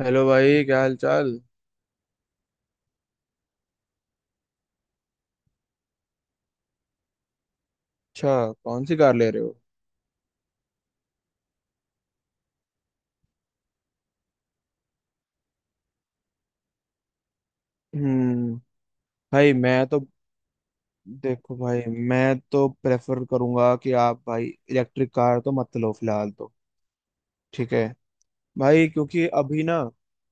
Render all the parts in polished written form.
Hello भाई, क्या हाल चाल। अच्छा, कौन सी कार ले रहे हो। हम्म। भाई मैं तो देखो भाई, मैं तो प्रेफर करूंगा कि आप भाई इलेक्ट्रिक कार तो मत लो फिलहाल तो। ठीक है। भाई क्योंकि अभी ना,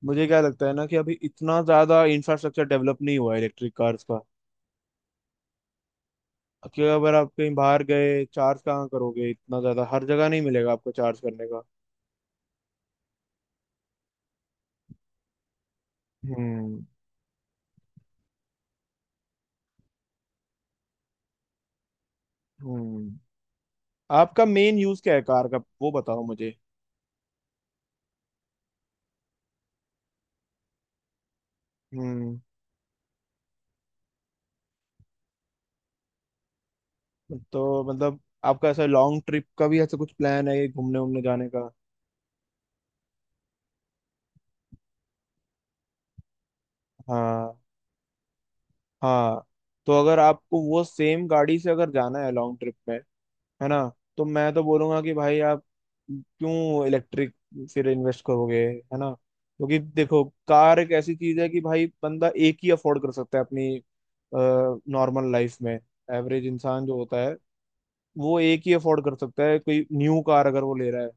मुझे क्या लगता है ना कि अभी इतना ज्यादा इंफ्रास्ट्रक्चर डेवलप नहीं हुआ है इलेक्ट्रिक कार्स का, कि अगर आप कहीं बाहर गए, चार्ज कहाँ करोगे, इतना ज्यादा हर जगह नहीं मिलेगा आपको चार्ज करने का। हम्म। हम्म। आपका मेन यूज क्या है कार का, वो बताओ मुझे। हम्म। तो मतलब आपका ऐसा लॉन्ग ट्रिप का भी ऐसा कुछ प्लान है, ये घूमने उमने जाने का। हाँ। हाँ। तो अगर आपको वो सेम गाड़ी से अगर जाना है लॉन्ग ट्रिप में, है ना, तो मैं तो बोलूंगा कि भाई आप क्यों इलेक्ट्रिक फिर इन्वेस्ट करोगे, है ना। क्योंकि देखो, कार एक ऐसी चीज है कि भाई बंदा एक ही अफोर्ड कर सकता है अपनी नॉर्मल लाइफ में। एवरेज इंसान जो होता है वो एक ही अफोर्ड कर सकता है, कोई न्यू कार अगर वो ले रहा है।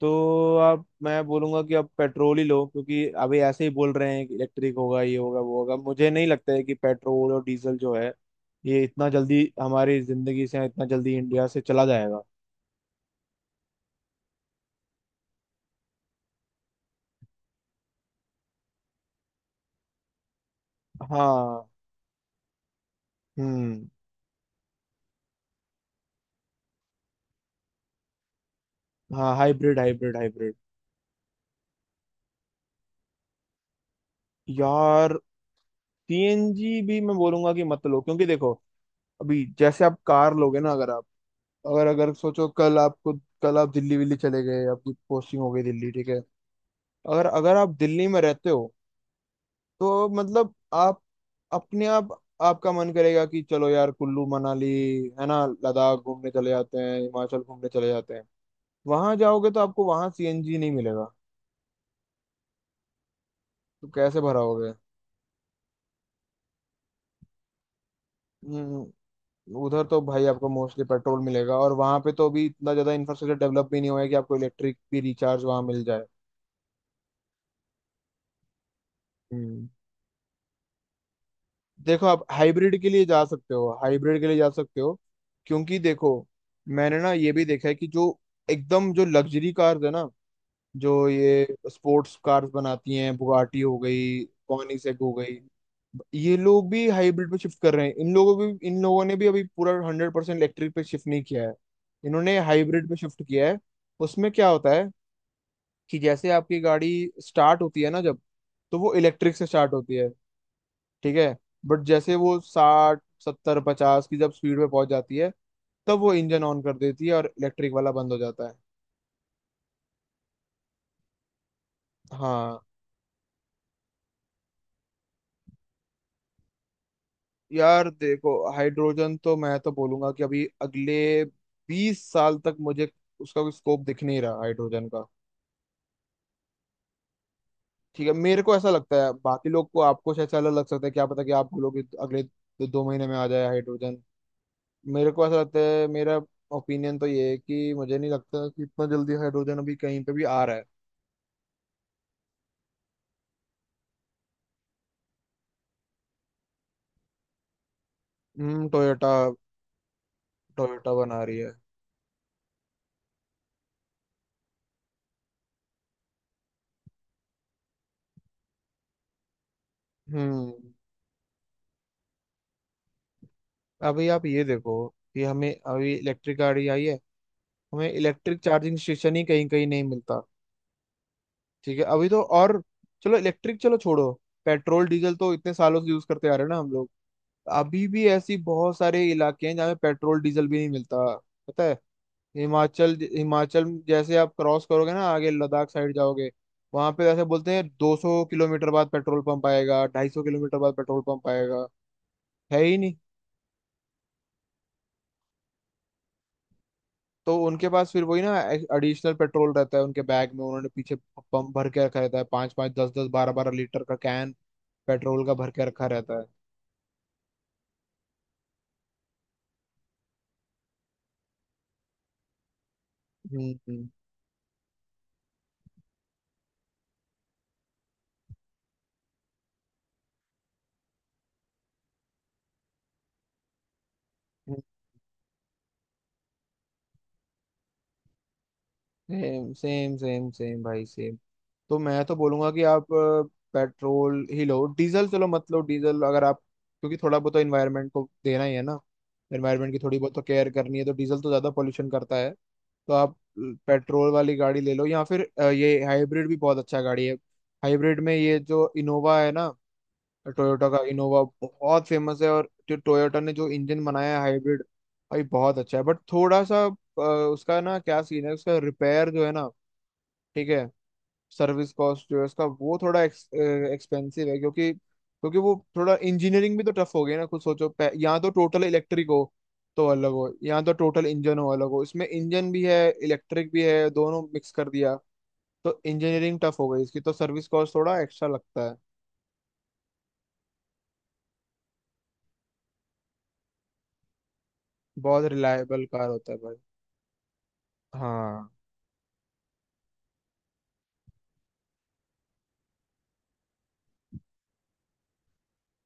तो आप, मैं बोलूंगा कि आप पेट्रोल ही लो, क्योंकि अभी ऐसे ही बोल रहे हैं कि इलेक्ट्रिक होगा, ये होगा, वो होगा। मुझे नहीं लगता है कि पेट्रोल और डीजल जो है, ये इतना जल्दी हमारी जिंदगी से, इतना जल्दी इंडिया से चला जाएगा। हाँ। हम्म। हाँ, हाइब्रिड हाइब्रिड हाइब्रिड। यार, सीएनजी भी मैं बोलूंगा कि मत लो, क्योंकि देखो, अभी जैसे आप कार लोगे ना, अगर आप, अगर अगर सोचो, कल आपको, कल आप दिल्ली विल्ली चले गए, आपकी पोस्टिंग हो गई दिल्ली, ठीक है। अगर अगर आप दिल्ली में रहते हो, तो मतलब आप अपने आप, आपका मन करेगा कि चलो यार कुल्लू मनाली, है ना, लद्दाख घूमने चले जाते हैं, हिमाचल घूमने चले जाते हैं। वहां जाओगे तो आपको वहां सीएनजी नहीं मिलेगा, तो कैसे भराओगे। हम्म। उधर तो भाई आपको मोस्टली पेट्रोल मिलेगा, और वहां पे तो अभी इतना ज्यादा इंफ्रास्ट्रक्चर डेवलप भी नहीं हुआ है कि आपको इलेक्ट्रिक भी रिचार्ज वहां मिल जाए। हम्म। देखो, आप हाइब्रिड के लिए जा सकते हो, हाइब्रिड के लिए जा सकते हो, क्योंकि देखो, मैंने ना ये भी देखा है कि जो एकदम जो लग्जरी कार्स है ना, जो ये स्पोर्ट्स कार्स बनाती हैं, बुगाटी हो गई, कॉनिसेक हो गई, ये लोग भी हाइब्रिड पे शिफ्ट कर रहे हैं। इन लोगों ने भी अभी पूरा 100% इलेक्ट्रिक पे शिफ्ट नहीं किया है। इन्होंने हाइब्रिड पे शिफ्ट किया है। उसमें क्या होता है कि जैसे आपकी गाड़ी स्टार्ट होती है ना जब, तो वो इलेक्ट्रिक से स्टार्ट होती है, ठीक है। बट जैसे वो 60 70 50 की जब स्पीड पे पहुंच जाती है, तब वो इंजन ऑन कर देती है और इलेक्ट्रिक वाला बंद हो जाता है। हाँ। यार देखो, हाइड्रोजन तो मैं तो बोलूंगा कि अभी अगले 20 साल तक मुझे उसका कोई स्कोप दिख नहीं रहा, हाइड्रोजन का। ठीक है, मेरे को ऐसा लगता है, बाकी लोग को, आपको शायद से अलग लग सकता है, क्या पता कि आप बोलोगे तो अगले दो, दो महीने में आ जाए हाइड्रोजन। मेरे को ऐसा लगता है, मेरा ओपिनियन तो ये है कि मुझे नहीं लगता कि इतना जल्दी हाइड्रोजन अभी कहीं पे भी आ रहा है। हम्म, टोयोटा। टोयोटा बना रही है। हम्म। अभी आप ये देखो कि हमें अभी इलेक्ट्रिक गाड़ी आई है, हमें इलेक्ट्रिक चार्जिंग स्टेशन ही कहीं कहीं नहीं मिलता। ठीक है, अभी तो और चलो इलेक्ट्रिक चलो छोड़ो, पेट्रोल डीजल तो इतने सालों से यूज करते आ रहे हैं ना हम लोग। अभी भी ऐसी बहुत सारे इलाके हैं जहाँ पे पेट्रोल डीजल भी नहीं मिलता, पता है। हिमाचल, हिमाचल जैसे आप क्रॉस करोगे ना, आगे लद्दाख साइड जाओगे, वहां पे ऐसे बोलते हैं, 200 किलोमीटर बाद पेट्रोल पंप आएगा, 250 किलोमीटर बाद पेट्रोल पंप आएगा, है ही नहीं। तो उनके पास फिर वही ना, एडिशनल पेट्रोल रहता है उनके बैग में, उन्होंने पीछे पंप भर के रखा रहता है, 5, 5, 10, 10, 12, 12 लीटर का कैन, पेट्रोल का भर के रखा रहता है। हम्म। सेम सेम सेम सेम भाई सेम। तो मैं तो बोलूंगा कि आप, पेट्रोल ही लो, डीजल चलो मत लो डीजल, अगर आप, क्योंकि थोड़ा बहुत तो इन्वायरमेंट को देना ही है ना, एनवायरनमेंट की थोड़ी बहुत तो केयर करनी है, तो डीजल तो ज्यादा पोल्यूशन करता है। तो आप पेट्रोल वाली गाड़ी ले लो, या फिर ये हाइब्रिड भी बहुत अच्छा गाड़ी है। हाइब्रिड में ये जो इनोवा है ना, टोयोटा का इनोवा बहुत फेमस है, और जो टोयोटा ने जो इंजन बनाया है हाइब्रिड, भाई बहुत अच्छा है। बट थोड़ा सा उसका ना क्या सीन है, उसका रिपेयर जो है ना, ठीक है, सर्विस कॉस्ट जो है उसका, वो थोड़ा एक्सपेंसिव है, क्योंकि क्योंकि वो थोड़ा इंजीनियरिंग भी तो टफ हो गई ना, कुछ सोचो, यहाँ तो टोटल इलेक्ट्रिक हो तो अलग हो, यहाँ तो टोटल इंजन हो अलग हो, इसमें इंजन भी है, इलेक्ट्रिक भी है, दोनों मिक्स कर दिया। तो इंजीनियरिंग टफ हो गई इसकी, तो सर्विस कॉस्ट थोड़ा एक्स्ट्रा लगता है। बहुत रिलायबल कार होता है भाई। हाँ।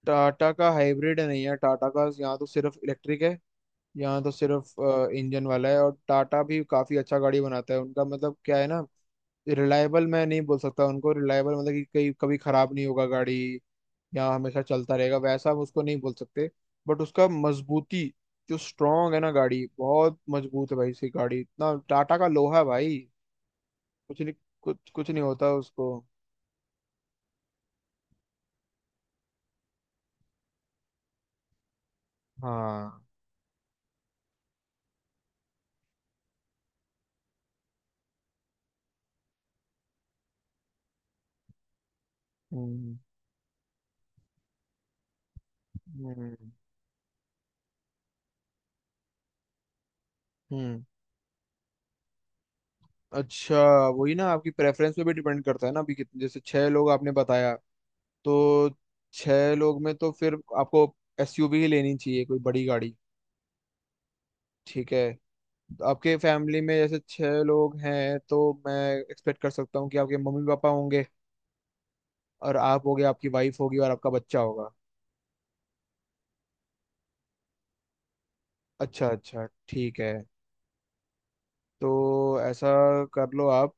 टाटा का हाइब्रिड नहीं है, टाटा का यहाँ तो सिर्फ इलेक्ट्रिक है, यहाँ तो सिर्फ इंजन वाला है। और टाटा भी काफी अच्छा गाड़ी बनाता है, उनका मतलब क्या है ना, रिलायबल मैं नहीं बोल सकता उनको, रिलायबल मतलब कि कहीं कभी खराब नहीं होगा गाड़ी या हमेशा चलता रहेगा, वैसा हम उसको नहीं बोल सकते। बट उसका मजबूती जो स्ट्रांग है ना, गाड़ी बहुत मजबूत है भाई, इसकी गाड़ी, इतना टाटा का लोहा है भाई, कुछ नहीं, कुछ कुछ नहीं होता उसको। हाँ। हम्म। हम्म। हम्म। अच्छा, वही ना, आपकी प्रेफरेंस पे भी डिपेंड करता है ना, अभी कितने, जैसे छह लोग आपने बताया, तो छह लोग में तो फिर आपको एसयूवी ही लेनी चाहिए, कोई बड़ी गाड़ी। ठीक है, तो आपके फैमिली में जैसे छह लोग हैं, तो मैं एक्सपेक्ट कर सकता हूँ कि आपके मम्मी पापा होंगे, और आप होगे, आपकी वाइफ होगी, और आपका बच्चा होगा। अच्छा, अच्छा, ठीक है। तो ऐसा कर लो आप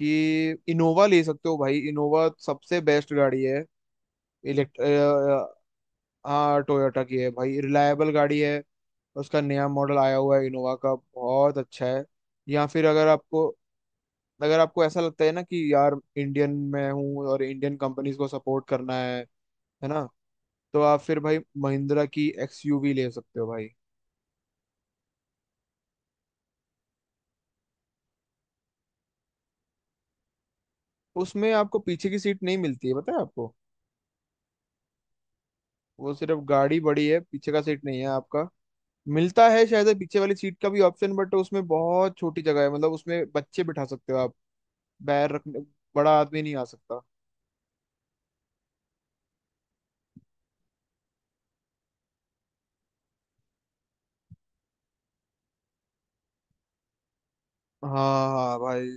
कि इनोवा ले सकते हो भाई, इनोवा सबसे बेस्ट गाड़ी है। इलेक्ट हाँ, टोयोटा की है भाई, रिलायबल गाड़ी है। उसका नया मॉडल आया हुआ है इनोवा का, बहुत अच्छा है। या फिर अगर आपको, अगर आपको ऐसा लगता है ना कि यार इंडियन में हूँ और इंडियन कंपनीज को सपोर्ट करना है ना, तो आप फिर भाई महिंद्रा की एक्सयूवी ले सकते हो भाई। उसमें आपको पीछे की सीट नहीं मिलती है, पता है आपको। वो सिर्फ गाड़ी बड़ी है, पीछे का सीट नहीं है आपका। मिलता है शायद पीछे वाली सीट का भी ऑप्शन, बट उसमें बहुत छोटी जगह है, मतलब उसमें बच्चे बिठा सकते हो आप पैर रखने, बड़ा आदमी नहीं आ सकता। हाँ, हाँ, भाई,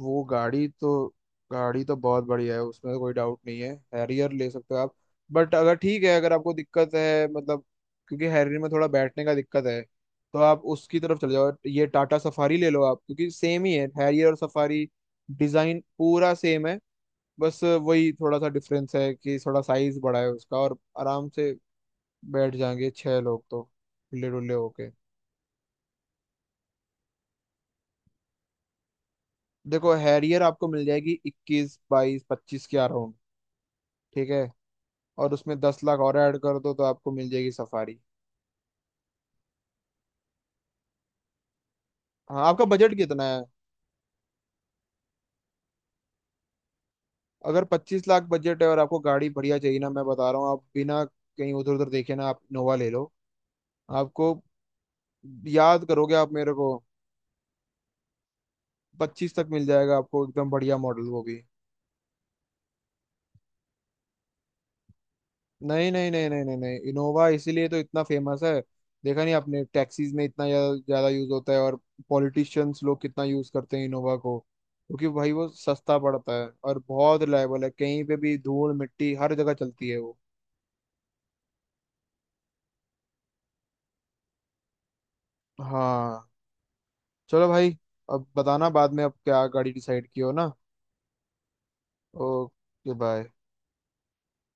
वो गाड़ी तो, गाड़ी तो बहुत बढ़िया है, उसमें तो कोई डाउट नहीं है। हैरियर ले सकते हो आप, बट अगर, ठीक है, अगर आपको दिक्कत है, मतलब क्योंकि हैरियर में थोड़ा बैठने का दिक्कत है, तो आप उसकी तरफ चले जाओ, ये टाटा सफारी ले लो आप, क्योंकि सेम ही है हैरियर और सफारी, डिजाइन पूरा सेम है। बस वही थोड़ा सा डिफरेंस है कि थोड़ा साइज बड़ा है उसका, और आराम से बैठ जाएंगे छह लोग तो, खुले डुल्ले होके। देखो, हैरियर आपको मिल जाएगी 21, 22, 25 के अराउंड, ठीक है, और उसमें 10 लाख और ऐड कर दो तो आपको मिल जाएगी सफारी। हाँ, आपका बजट कितना है। अगर 25 लाख बजट है और आपको गाड़ी बढ़िया चाहिए ना, मैं बता रहा हूँ, आप बिना कहीं उधर उधर देखे ना, आप इनोवा ले लो। आपको, याद करोगे आप मेरे को। 25 तक मिल जाएगा आपको एकदम बढ़िया मॉडल वो भी। नहीं नहीं नहीं नहीं नहीं नहीं, इनोवा इसीलिए तो इतना फेमस है। देखा नहीं आपने, टैक्सीज में इतना ज्यादा यूज होता है, और पॉलिटिशियंस लोग कितना यूज करते हैं इनोवा को, क्योंकि भाई वो सस्ता पड़ता है और बहुत रिलायबल है, कहीं पे भी धूल मिट्टी हर जगह चलती है वो। हाँ। चलो भाई, अब बताना बाद में, अब क्या गाड़ी डिसाइड की हो ना। Okay bye.